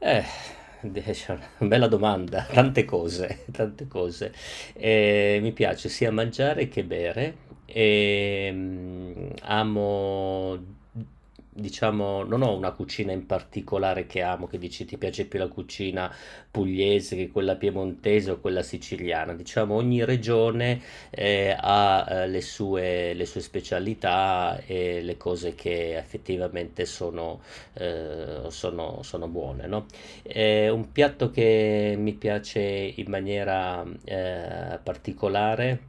Eh, Adesso è una bella domanda, tante cose, tante cose. Mi piace sia mangiare che bere. Diciamo, non ho una cucina in particolare che amo, che dici ti piace più la cucina pugliese che quella piemontese o quella siciliana. Diciamo, ogni regione ha le sue specialità e le cose che effettivamente sono buone, no? È un piatto che mi piace in maniera particolare.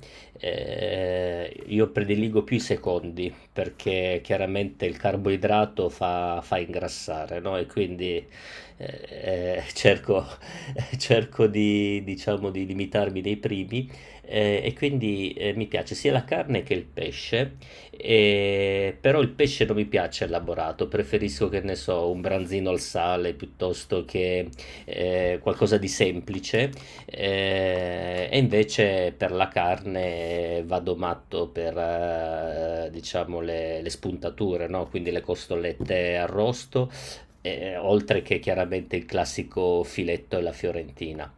Io prediligo più i secondi perché chiaramente il carboidrato fa ingrassare, no? E quindi eh, eh, cerco, cerco di, diciamo, di limitarmi nei primi. E quindi mi piace sia la carne che il pesce. Però il pesce non mi piace elaborato, preferisco che ne so, un branzino al sale piuttosto che qualcosa di semplice. E invece per la carne vado matto per diciamo le spuntature, no? Quindi le costolette arrosto, oltre che chiaramente il classico filetto e la fiorentina.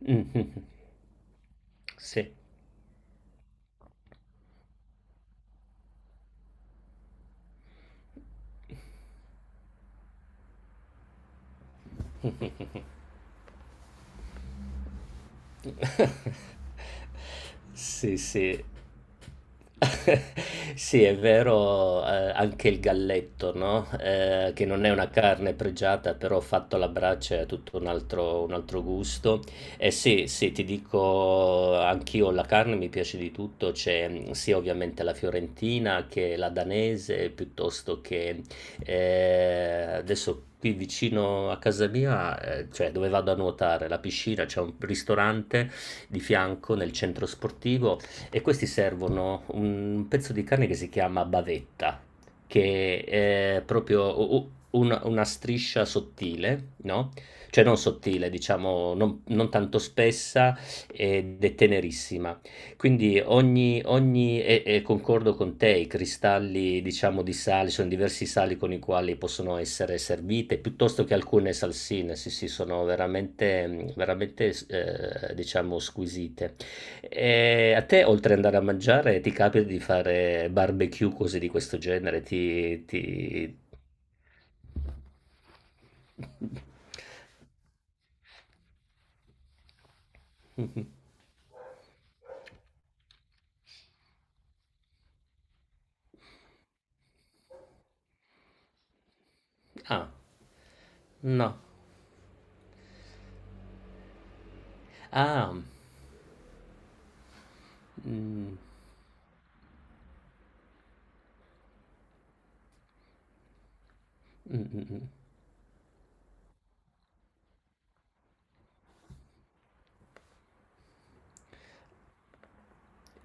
Mhm. Sì. Sì, sì. Sì, è vero, anche il galletto, no, che non è una carne pregiata, però fatto alla brace è tutto un altro gusto. E sì, sì, ti dico anch'io la carne mi piace di tutto, c'è, mhmm, sia ovviamente la fiorentina che la danese, piuttosto che adesso qui vicino a casa mia, cioè dove vado a nuotare, la piscina, c'è un ristorante di fianco nel centro sportivo e questi servono un pezzo di carne che si chiama bavetta, che è proprio una striscia sottile, no? Cioè non sottile, diciamo, non tanto spessa ed è tenerissima. Quindi ogni ogni e concordo con te, i cristalli diciamo di sale sono diversi sali con i quali possono essere servite, piuttosto che alcune salsine, sì, sì, sono veramente mhmm, veramente s diciamo squisite. A te oltre ad andare a mangiare, ti capita di fare barbecue, cose di questo genere? Ti ti mh-mh. Ah, no. Ah. Mh. Mh, mh, mh.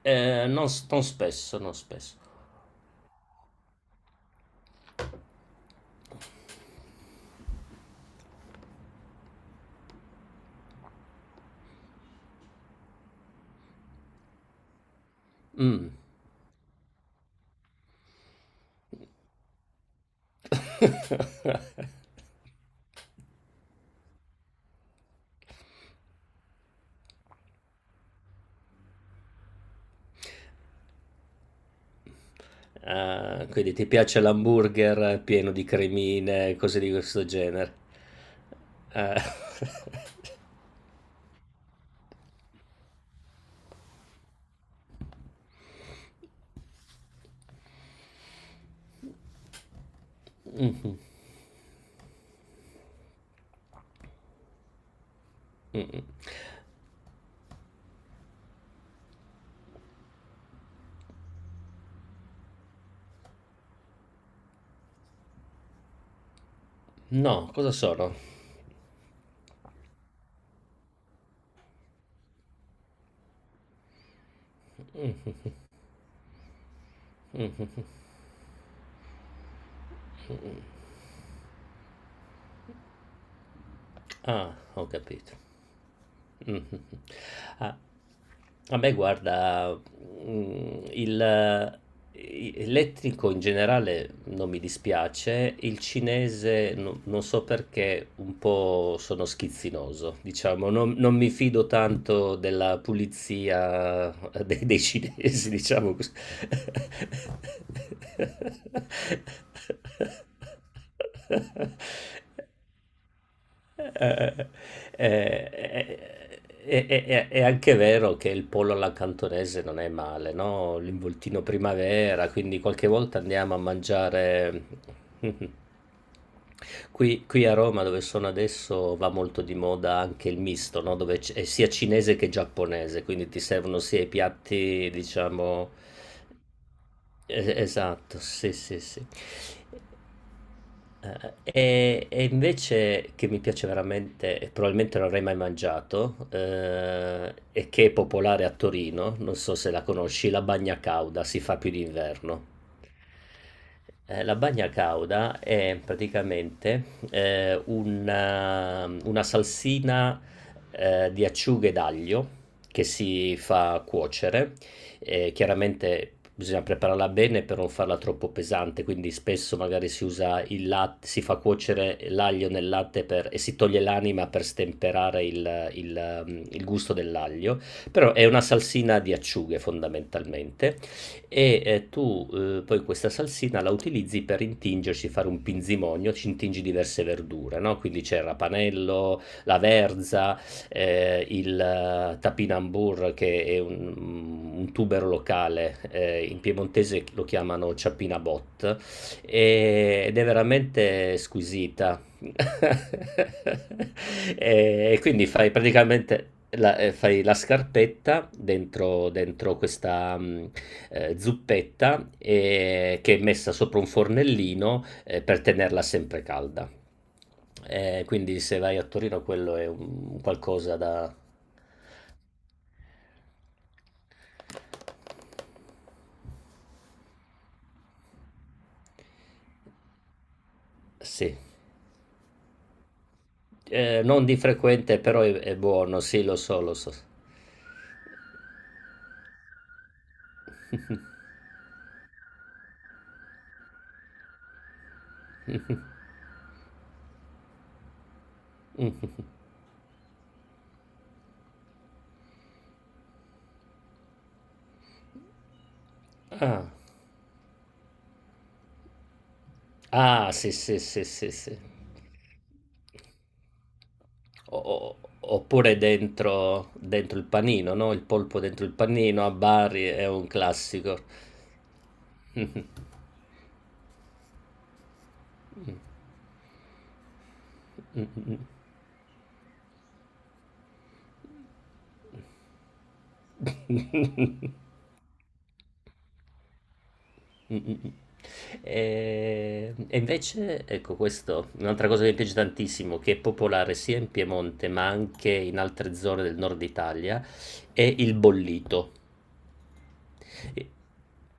Non spesso, non spesso. Mh. Ah, quindi ti piace l'hamburger pieno di cremine, cose di questo genere. Ah. Mhm, mhm. No, cosa sono? Mhm, mhm, mhm. Ah, ho capito. Mh-mh. A a me guarda, mhmm, il i l'etnico in generale non mi dispiace, il cinese no non so perché un po' sono schizzinoso, diciamo, non mi fido tanto della pulizia de dei cinesi, diciamo cos Eh, eh, eh, è anche vero che il pollo alla cantonese non è male, no? L'involtino primavera, quindi qualche volta andiamo a mangiare. Qui, qui a Roma, dove sono adesso, va molto di moda anche il misto, no? Dove è sia cinese che giapponese, quindi ti servono sia i piatti, diciamo. Esatto, sì, sì, sì. E invece che mi piace veramente, e probabilmente non avrei mai mangiato, e che è popolare a Torino, non so se la conosci, la bagna cauda si fa più d'inverno. La bagna cauda è praticamente, una salsina, di acciughe d'aglio che si fa cuocere, chiaramente bisogna prepararla bene per non farla troppo pesante, quindi spesso magari si usa il lat si fa cuocere l'aglio nel latte per e si toglie l'anima per stemperare il gusto dell'aglio, però è una salsina di acciughe fondamentalmente, e tu poi questa salsina la utilizzi per intingerci, fare un pinzimonio, ci intingi diverse verdure, no? Quindi c'è il rapanello, la verza, il tapinambur che è un, mm, un tubero locale, in piemontese lo chiamano ciappina bot, ed è veramente squisita. E quindi fai praticamente fai la scarpetta dentro, dentro questa, mm, zuppetta, che è messa sopra un fornellino, per tenerla sempre calda. Quindi se vai a Torino quello è un qualcosa da sì. Non di frequente, però è buono, sì lo so, lo so. Mh. Ah. Ah, sì, sì, sì, sì, sì. O oppure dentro dentro il panino, no, il polpo dentro il panino a Bari è un classico. Mh-mh. Mh. Mh, mh, mh. Mh-mh-mh. E invece, ecco questo è un'altra cosa che mi piace tantissimo, che è popolare sia in Piemonte ma anche in altre zone del nord Italia, è il bollito.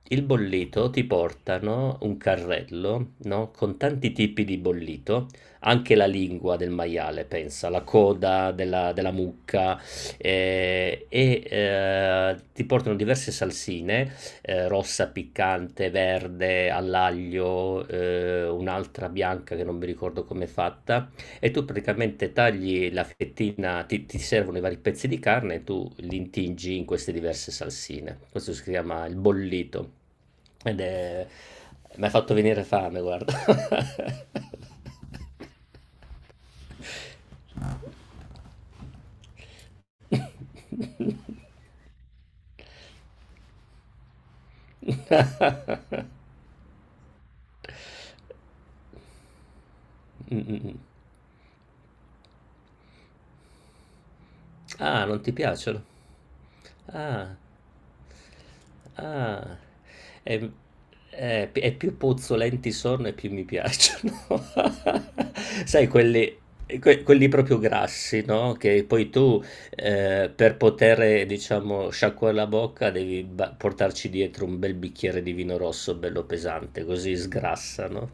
Il bollito ti portano un carrello, no, con tanti tipi di bollito, anche la lingua del maiale, pensa, la coda della mucca, e ti portano diverse salsine, rossa, piccante, verde, all'aglio, un'altra bianca che non mi ricordo come è fatta e tu praticamente tagli la fettina, ti servono i vari pezzi di carne e tu li intingi in queste diverse salsine. Questo si chiama il bollito. Ed è... mi ha fatto venire fame, guarda. Mm, mm, mm. Ah, non ti piacciono? Ah. Ah. Ehm, p e Più puzzolenti sono e più mi piacciono. Sai quelli quelli proprio grassi, no, che poi tu, per poter, diciamo, sciacquare la bocca devi ba portarci dietro un bel bicchiere di vino rosso bello pesante, così sgrassa, no?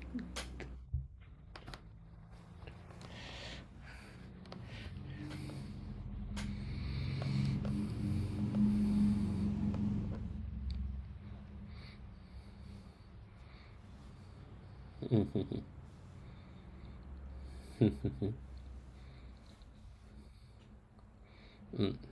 Mh-mh-mh. Mh-mh-mh. Mh.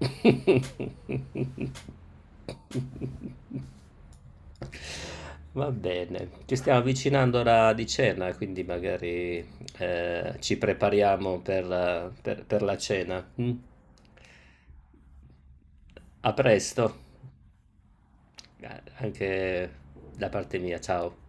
Va bene, ci stiamo avvicinando all'ora di cena, quindi magari, ci prepariamo per la cena, mh? A presto, a anche da parte mia, ciao.